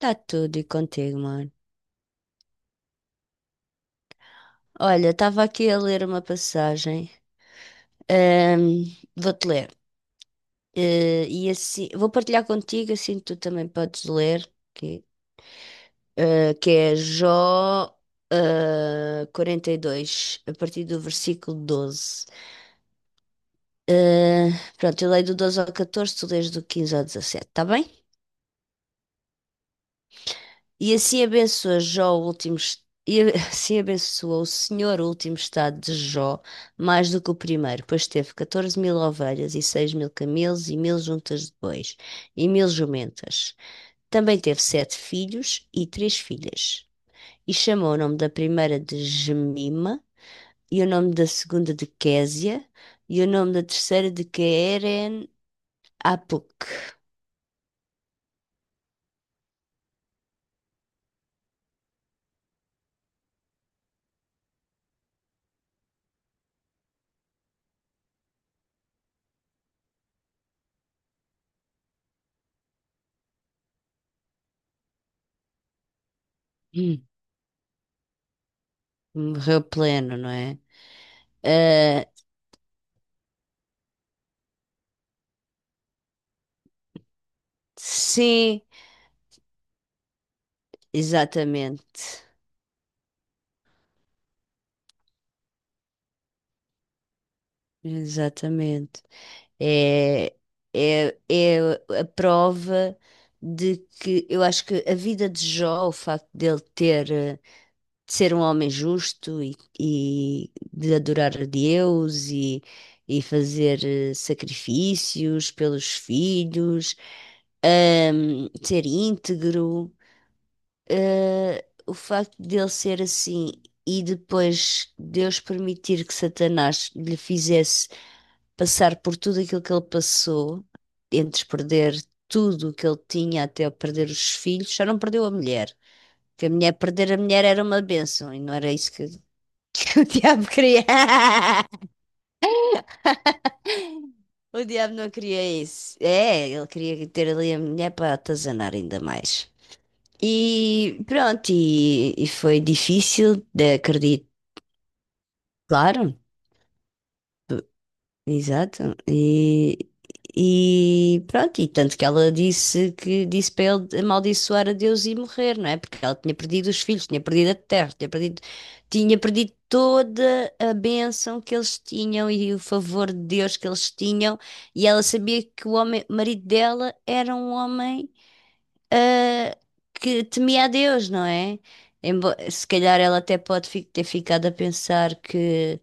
Tá tudo e contigo, mano. Olha, estava aqui a ler uma passagem. Ahm, vou-te ler. E assim, vou partilhar contigo, assim tu também podes ler, que, que é Jó, 42 a partir do versículo doze. Eh, Pronto, eu leio do doze ao catorze, tu lês do 15 ao dezassete, tá bem? E assim abençoa Jó o último, assim abençoou o Senhor o último estado de Jó mais do que o primeiro, pois teve 14 mil ovelhas e 6 mil camelos e mil juntas de bois e mil jumentas. Também teve sete filhos e três filhas. E chamou o nome da primeira de Gemima, e o nome da segunda de Késia, e o nome da terceira de Queren Apuk. Hum, morreu pleno, não é? Ah, sim. Exatamente, exatamente. É, é a prova de que eu acho que a vida de Jó, o facto dele ter, de ser um homem justo e, de adorar a Deus e fazer sacrifícios pelos filhos, ser íntegro. Eh, o facto dele ser assim e depois Deus permitir que Satanás lhe fizesse passar por tudo aquilo que ele passou, entre perder tudo o que ele tinha até perder os filhos, só não perdeu a mulher. Porque a mulher, perder a mulher era uma bênção e não era isso que, que o diabo queria. O diabo não queria isso. É, ele queria ter ali a mulher para atazanar ainda mais. E pronto, e foi difícil de acreditar, claro. Exato. E pronto, e tanto que ela disse que disse para ele amaldiçoar a Deus e morrer, não é? Porque ela tinha perdido os filhos, tinha perdido a terra, tinha perdido toda a bênção que eles tinham e o favor de Deus que eles tinham, e ela sabia que o homem, o marido dela era um homem ah, que temia a Deus, não é? Se calhar ela até ter ficado a pensar que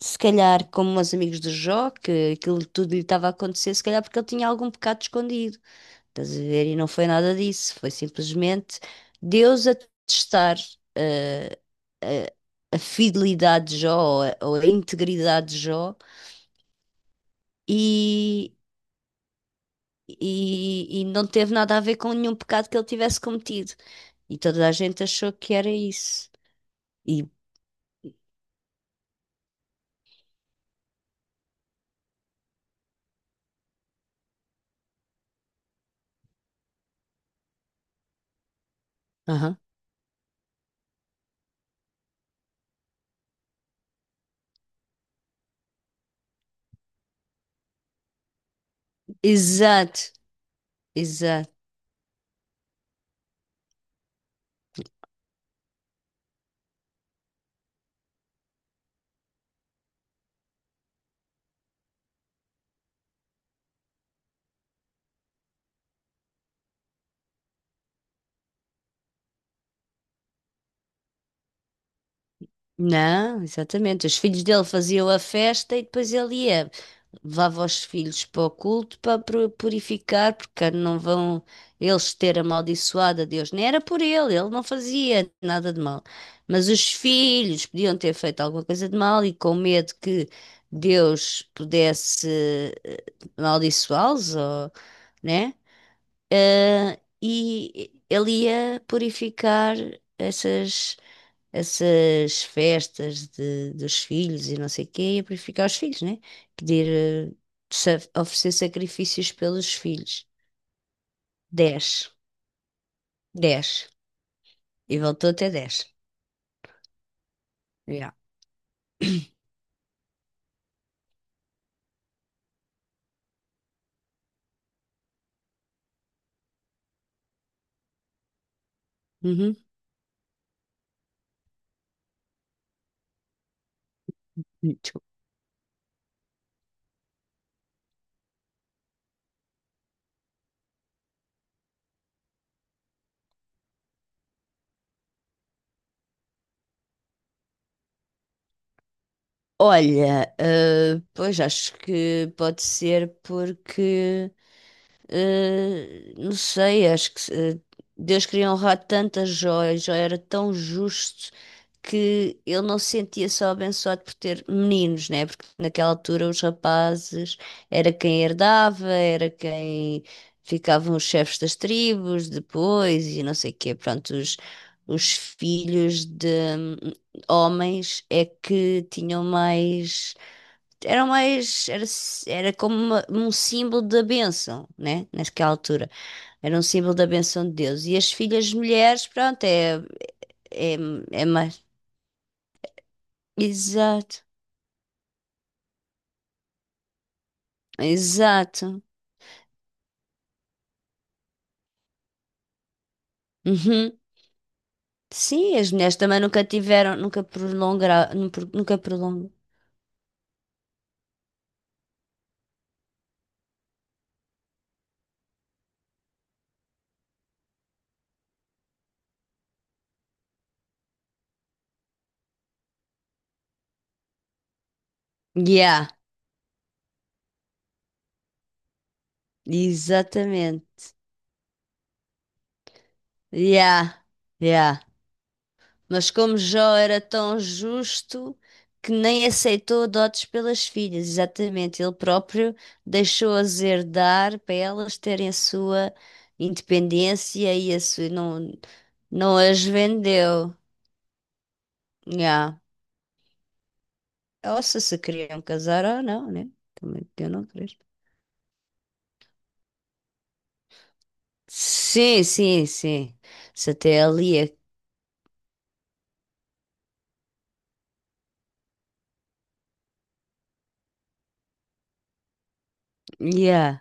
se calhar, como os amigos do Jó, que aquilo tudo lhe estava a acontecer, se calhar porque ele tinha algum pecado escondido. Estás a ver? E não foi nada disso. Foi simplesmente Deus a testar eh, a fidelidade de Jó ou a integridade de Jó e. E, e não teve nada a ver com nenhum pecado que ele tivesse cometido. E toda a gente achou que era isso. E aham. Exato, exato. Não, exatamente. Os filhos dele faziam a festa e depois ele ia, levava os filhos para o culto para purificar, porque não vão eles ter amaldiçoado a Deus. Nem era por ele, ele não fazia nada de mal. Mas os filhos podiam ter feito alguma coisa de mal e com medo que Deus pudesse eh, amaldiçoá-los, ou, né? E ele ia purificar essas essas festas de, dos filhos e não sei o quê, e a purificar os filhos, né? Pedir, eh, oferecer sacrifícios pelos filhos. Dez. Dez. E voltou até dez. Yeah. Uhum. Muito. Olha, pois acho que pode ser porque não sei, acho que Deus queria honrar tantas joias, já era tão justo que ele não se sentia só abençoado por ter meninos, né? Porque naquela altura os rapazes era quem herdava, era quem ficavam os chefes das tribos depois e não sei o quê. Pronto, os filhos de hum, homens é que tinham mais, era mais, era, era como um símbolo da bênção, né? Naquela altura. Era um símbolo da bênção de Deus. E as filhas mulheres, pronto, é, é, é mais. Exato, exato. Uhum. Sim, as mulheres também nunca tiveram, nunca prolongaram, nunca prolongam. Yeah, exatamente. Yeah, yeah. Mas como Jó era tão justo que nem aceitou dotes pelas filhas, exatamente, ele próprio deixou-as herdar para elas terem a sua independência e a sua, não, não as vendeu. Yeah. Ou se se queriam casar ou não, né? Também eu não creio. Sim, sim, sim. Se até ali é. Yeah.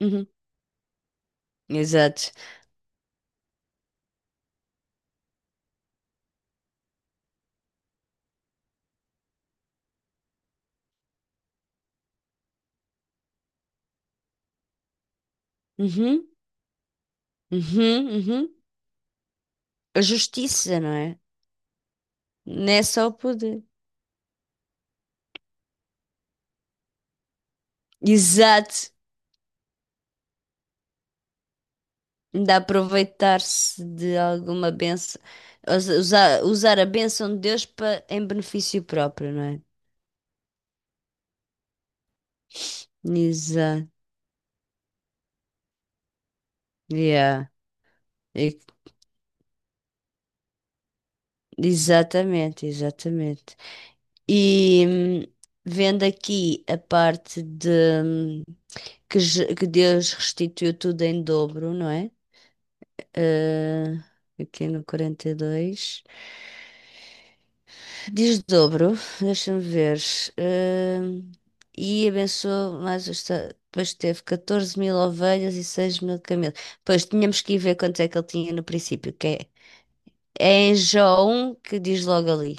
Uhum. Exato. Uhum. Uhum. Uhum. A justiça, não é? Não é só o poder. Exato, de aproveitar-se de alguma benção, usar, usar a benção de Deus para, em benefício próprio, não é? Exato, yeah. E- Exatamente, exatamente. E vendo aqui a parte de hum, que, que Deus restituiu tudo em dobro, não é? Eh, aqui no quarenta e dois. Desdobro, deixa-me ver. Hum, e abençoou mais os. Depois teve 14 mil ovelhas e 6 mil camelos. Pois tínhamos que ir ver quanto é que ele tinha no princípio, que é, é em João que diz logo ali.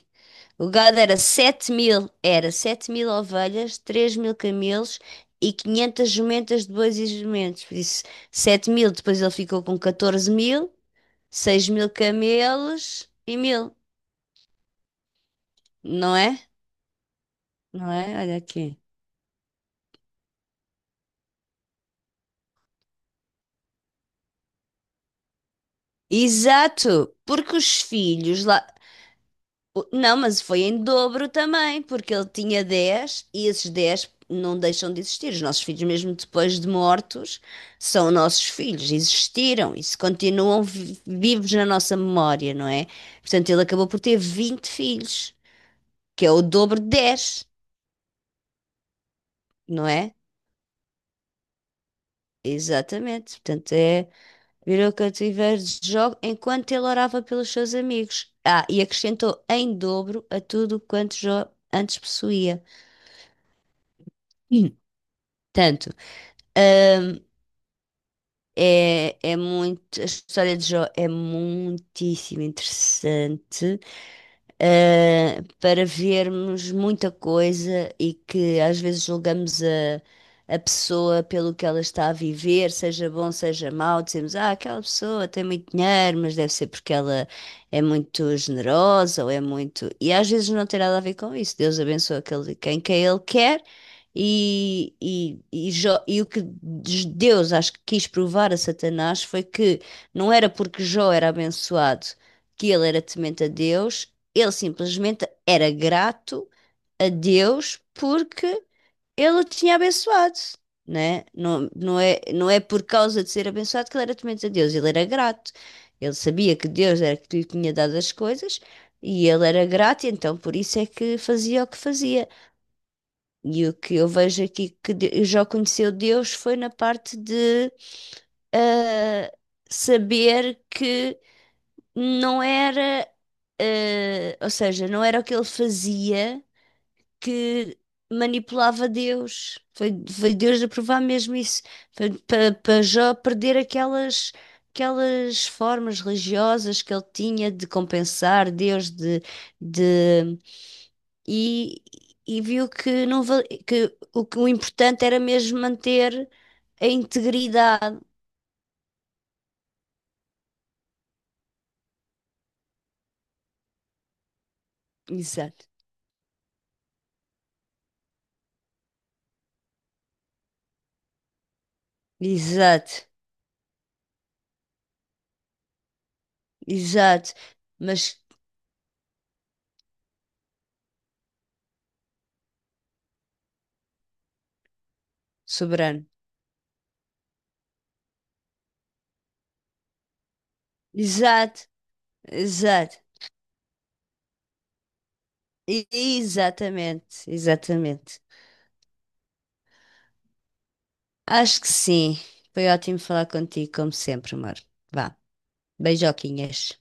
O gado era 7 mil ovelhas, 3 mil camelos e 500 jumentas de bois e jumentos. Por isso, 7 mil, depois ele ficou com 14 mil, 6 mil camelos e mil, não é? Não é? Olha aqui. Exato, porque os filhos lá. Não, mas foi em dobro também, porque ele tinha 10 e esses 10 não deixam de existir. Os nossos filhos, mesmo depois de mortos, são nossos filhos, existiram e se continuam vivos na nossa memória, não é? Portanto, ele acabou por ter 20 filhos, que é o dobro de 10, não é? Exatamente. Portanto, é. Virou cativeiro de Jó enquanto ele orava pelos seus amigos. Ah, e acrescentou em dobro a tudo quanto Jó antes possuía. Hum. Tanto, hum, é, é muito, a história de Jó é muitíssimo interessante. Eh, para vermos muita coisa e que às vezes julgamos a pessoa pelo que ela está a viver, seja bom, seja mau, dizemos, ah, aquela pessoa tem muito dinheiro, mas deve ser porque ela é muito generosa ou é muito. E às vezes não tem nada a ver com isso. Deus abençoa aquele, quem que ele quer. E e o que Deus acho que quis provar a Satanás foi que não era porque Jó era abençoado que ele era temente a Deus, ele simplesmente era grato a Deus porque ele o tinha abençoado, né? Não, não é, não é por causa de ser abençoado que ele era temente a Deus, ele era grato. Ele sabia que Deus era que lhe tinha dado as coisas e ele era grato, e então por isso é que fazia o que fazia. E o que eu vejo aqui que Jó conheceu Deus foi na parte de ah, saber que não era, ah, ou seja, não era o que ele fazia que manipulava Deus. Foi, foi Deus a provar mesmo isso. Foi para Jó perder aquelas, aquelas formas religiosas que ele tinha de compensar Deus, de, e, e viu que, não, que o importante era mesmo manter a integridade. Exato, exato, exato. Mas soberano. Exato, exato. E- Exatamente, exatamente. Acho que sim. Foi ótimo falar contigo, como sempre, amor. Vá, beijoquinhas.